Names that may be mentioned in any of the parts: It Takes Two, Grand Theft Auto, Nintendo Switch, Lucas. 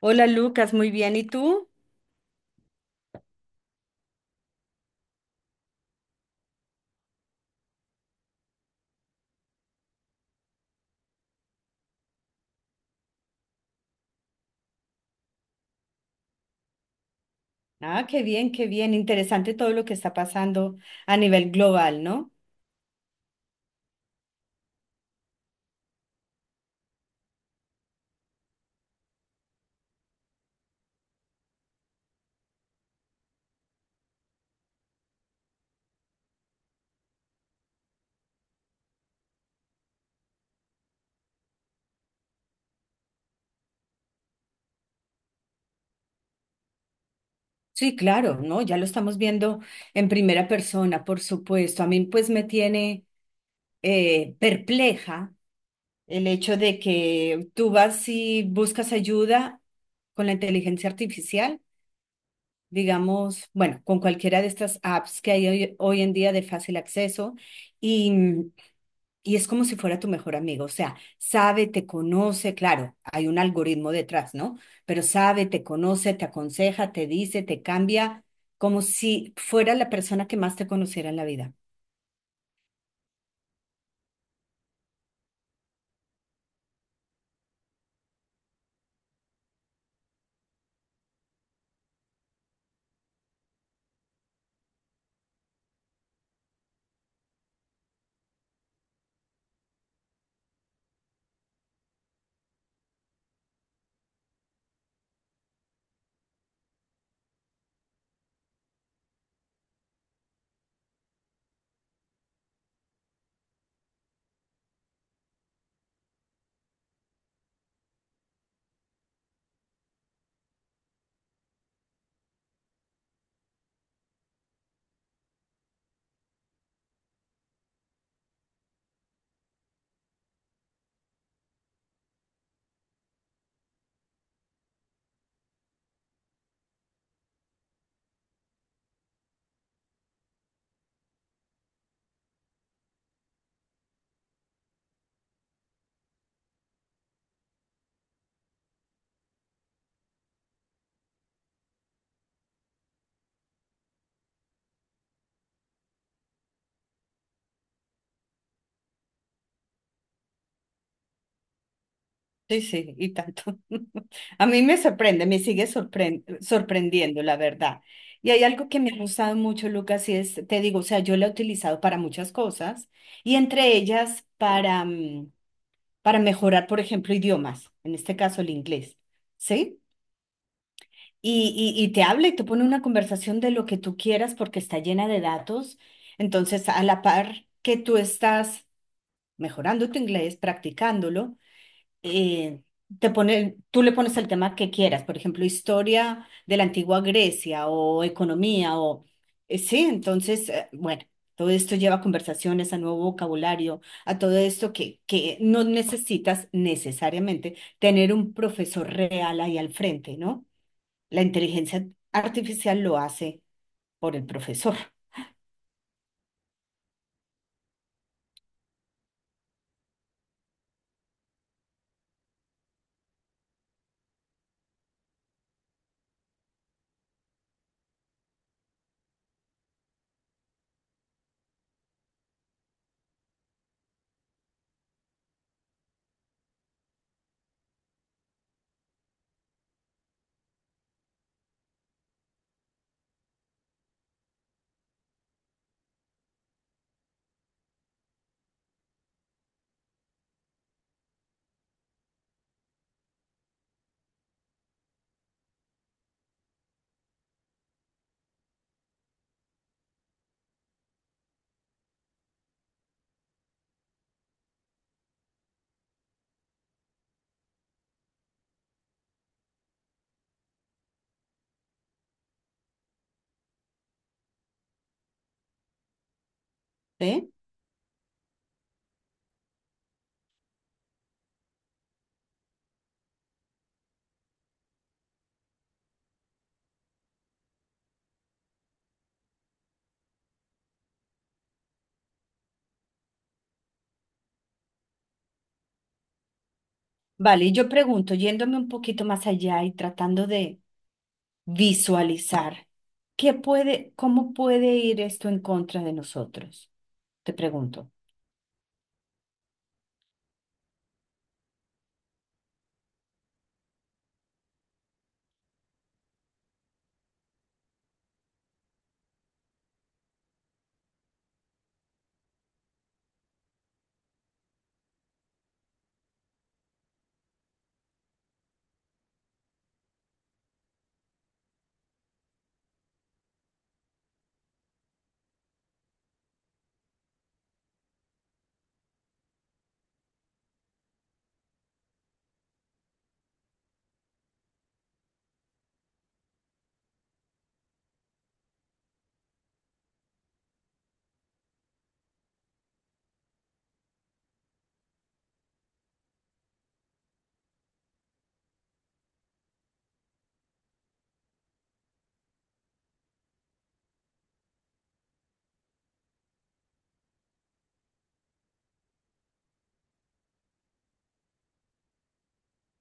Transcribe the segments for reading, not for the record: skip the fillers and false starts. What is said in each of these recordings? Hola Lucas, muy bien. ¿Y tú? Ah, qué bien, qué bien. Interesante todo lo que está pasando a nivel global, ¿no? Sí, claro, ¿no? Ya lo estamos viendo en primera persona, por supuesto. A mí pues me tiene perpleja el hecho de que tú vas y buscas ayuda con la inteligencia artificial, digamos, bueno, con cualquiera de estas apps que hay hoy en día de fácil acceso y. Y es como si fuera tu mejor amigo, o sea, sabe, te conoce, claro, hay un algoritmo detrás, ¿no? Pero sabe, te conoce, te aconseja, te dice, te cambia, como si fuera la persona que más te conociera en la vida. Sí, sí, y tanto. A mí me sorprende, me sorprendiendo, la verdad. Y hay algo que me ha gustado mucho, Lucas, y es, te digo, o sea, yo la he utilizado para muchas cosas y entre ellas para, para mejorar, por ejemplo, idiomas, en este caso el inglés, ¿sí? Y te habla y te pone una conversación de lo que tú quieras porque está llena de datos. Entonces, a la par que tú estás mejorando tu inglés, practicándolo, eh, te pone, tú le pones el tema que quieras, por ejemplo, historia de la antigua Grecia o economía o... sí, entonces, bueno. Todo esto lleva a conversaciones, a nuevo vocabulario, a todo esto que no necesitas necesariamente tener un profesor real ahí al frente, ¿no? La inteligencia artificial lo hace por el profesor, ¿sí? Vale, y yo pregunto, yéndome un poquito más allá y tratando de visualizar, ¿qué puede, cómo puede ir esto en contra de nosotros? Te pregunto.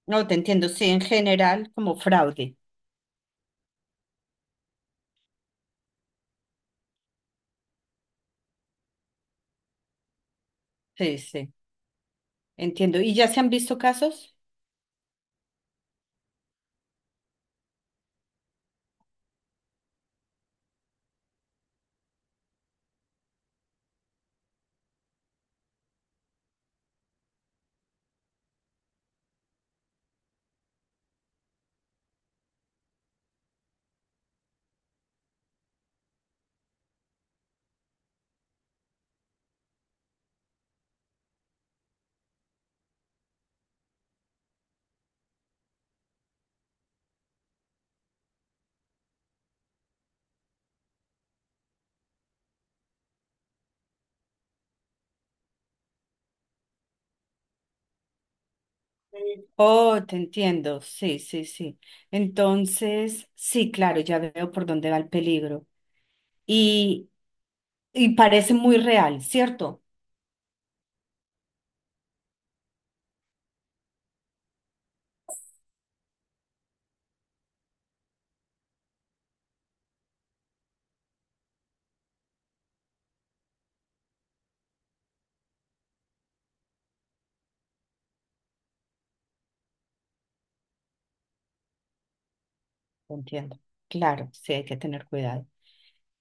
No, te entiendo, sí, en general, como fraude. Sí, sí, entiendo. ¿Y ya se han visto casos? Oh, te entiendo, sí, sí, sí. Entonces, sí, claro, ya veo por dónde va el peligro. Y, y parece muy real, ¿cierto? Entiendo. Claro, sí hay que tener cuidado.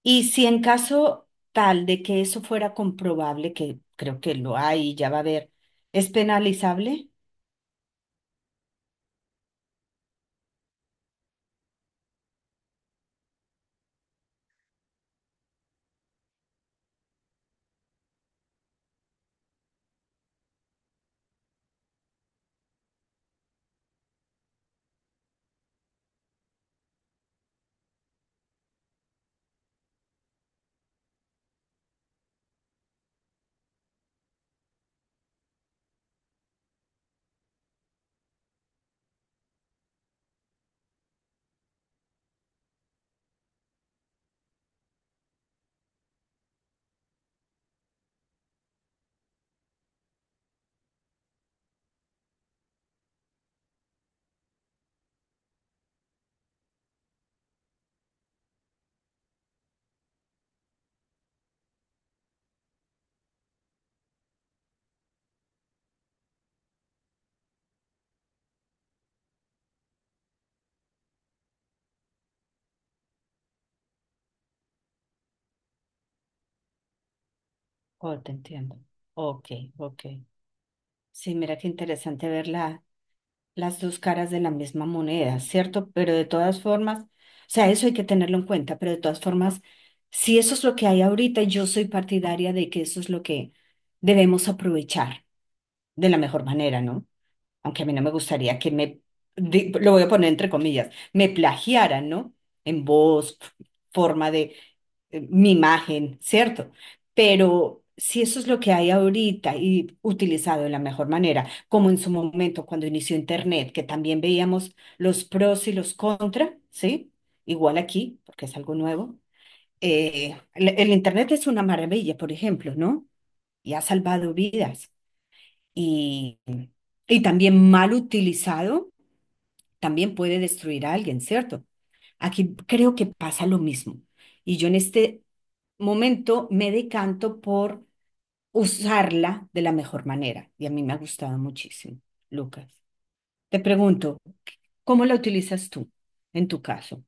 Y si en caso tal de que eso fuera comprobable, que creo que lo hay y ya va a haber, ¿es penalizable? Oh, te entiendo. Ok, ok. Sí, mira qué interesante ver la, las dos caras de la misma moneda, ¿cierto? Pero de todas formas, o sea, eso hay que tenerlo en cuenta, pero de todas formas, si eso es lo que hay ahorita, yo soy partidaria de que eso es lo que debemos aprovechar de la mejor manera, ¿no? Aunque a mí no me gustaría que me, di- lo voy a poner entre comillas, me plagiaran, ¿no? En voz, f- forma de mi imagen, ¿cierto? Pero si eso es lo que hay ahorita y utilizado de la mejor manera, como en su momento cuando inició Internet, que también veíamos los pros y los contra, ¿sí? Igual aquí, porque es algo nuevo. El Internet es una maravilla, por ejemplo, ¿no? Y ha salvado vidas y, y también mal utilizado, también puede destruir a alguien, ¿cierto? Aquí creo que pasa lo mismo. Y yo en este momento me decanto por usarla de la mejor manera. Y a mí me ha gustado muchísimo, Lucas. Te pregunto, ¿cómo la utilizas tú en tu caso?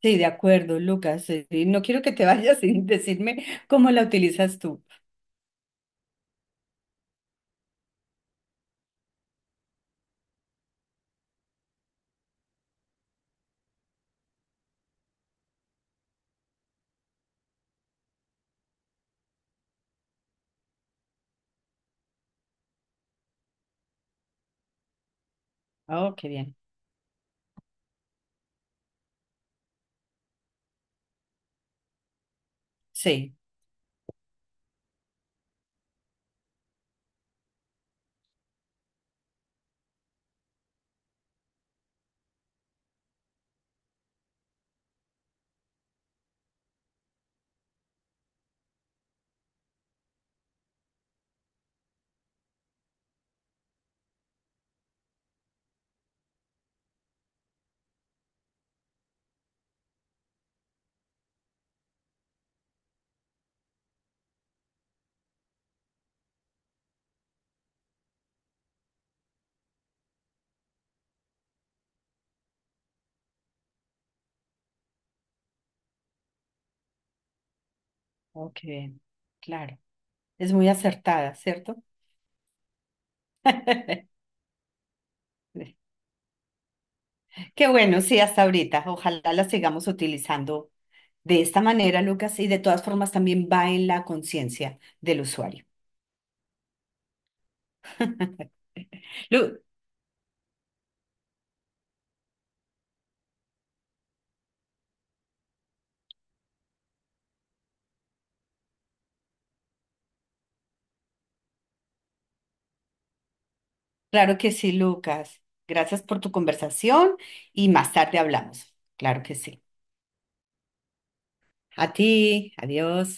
Sí, de acuerdo, Lucas. No quiero que te vayas sin decirme cómo la utilizas tú. Oh, qué bien. Sí, oh, qué bien. Claro. Es muy acertada, ¿cierto? Qué bueno, sí, hasta ahorita. Ojalá la sigamos utilizando de esta manera, Lucas, y de todas formas también va en la conciencia del usuario. Lu- claro que sí, Lucas. Gracias por tu conversación y más tarde hablamos. Claro que sí. A ti, adiós.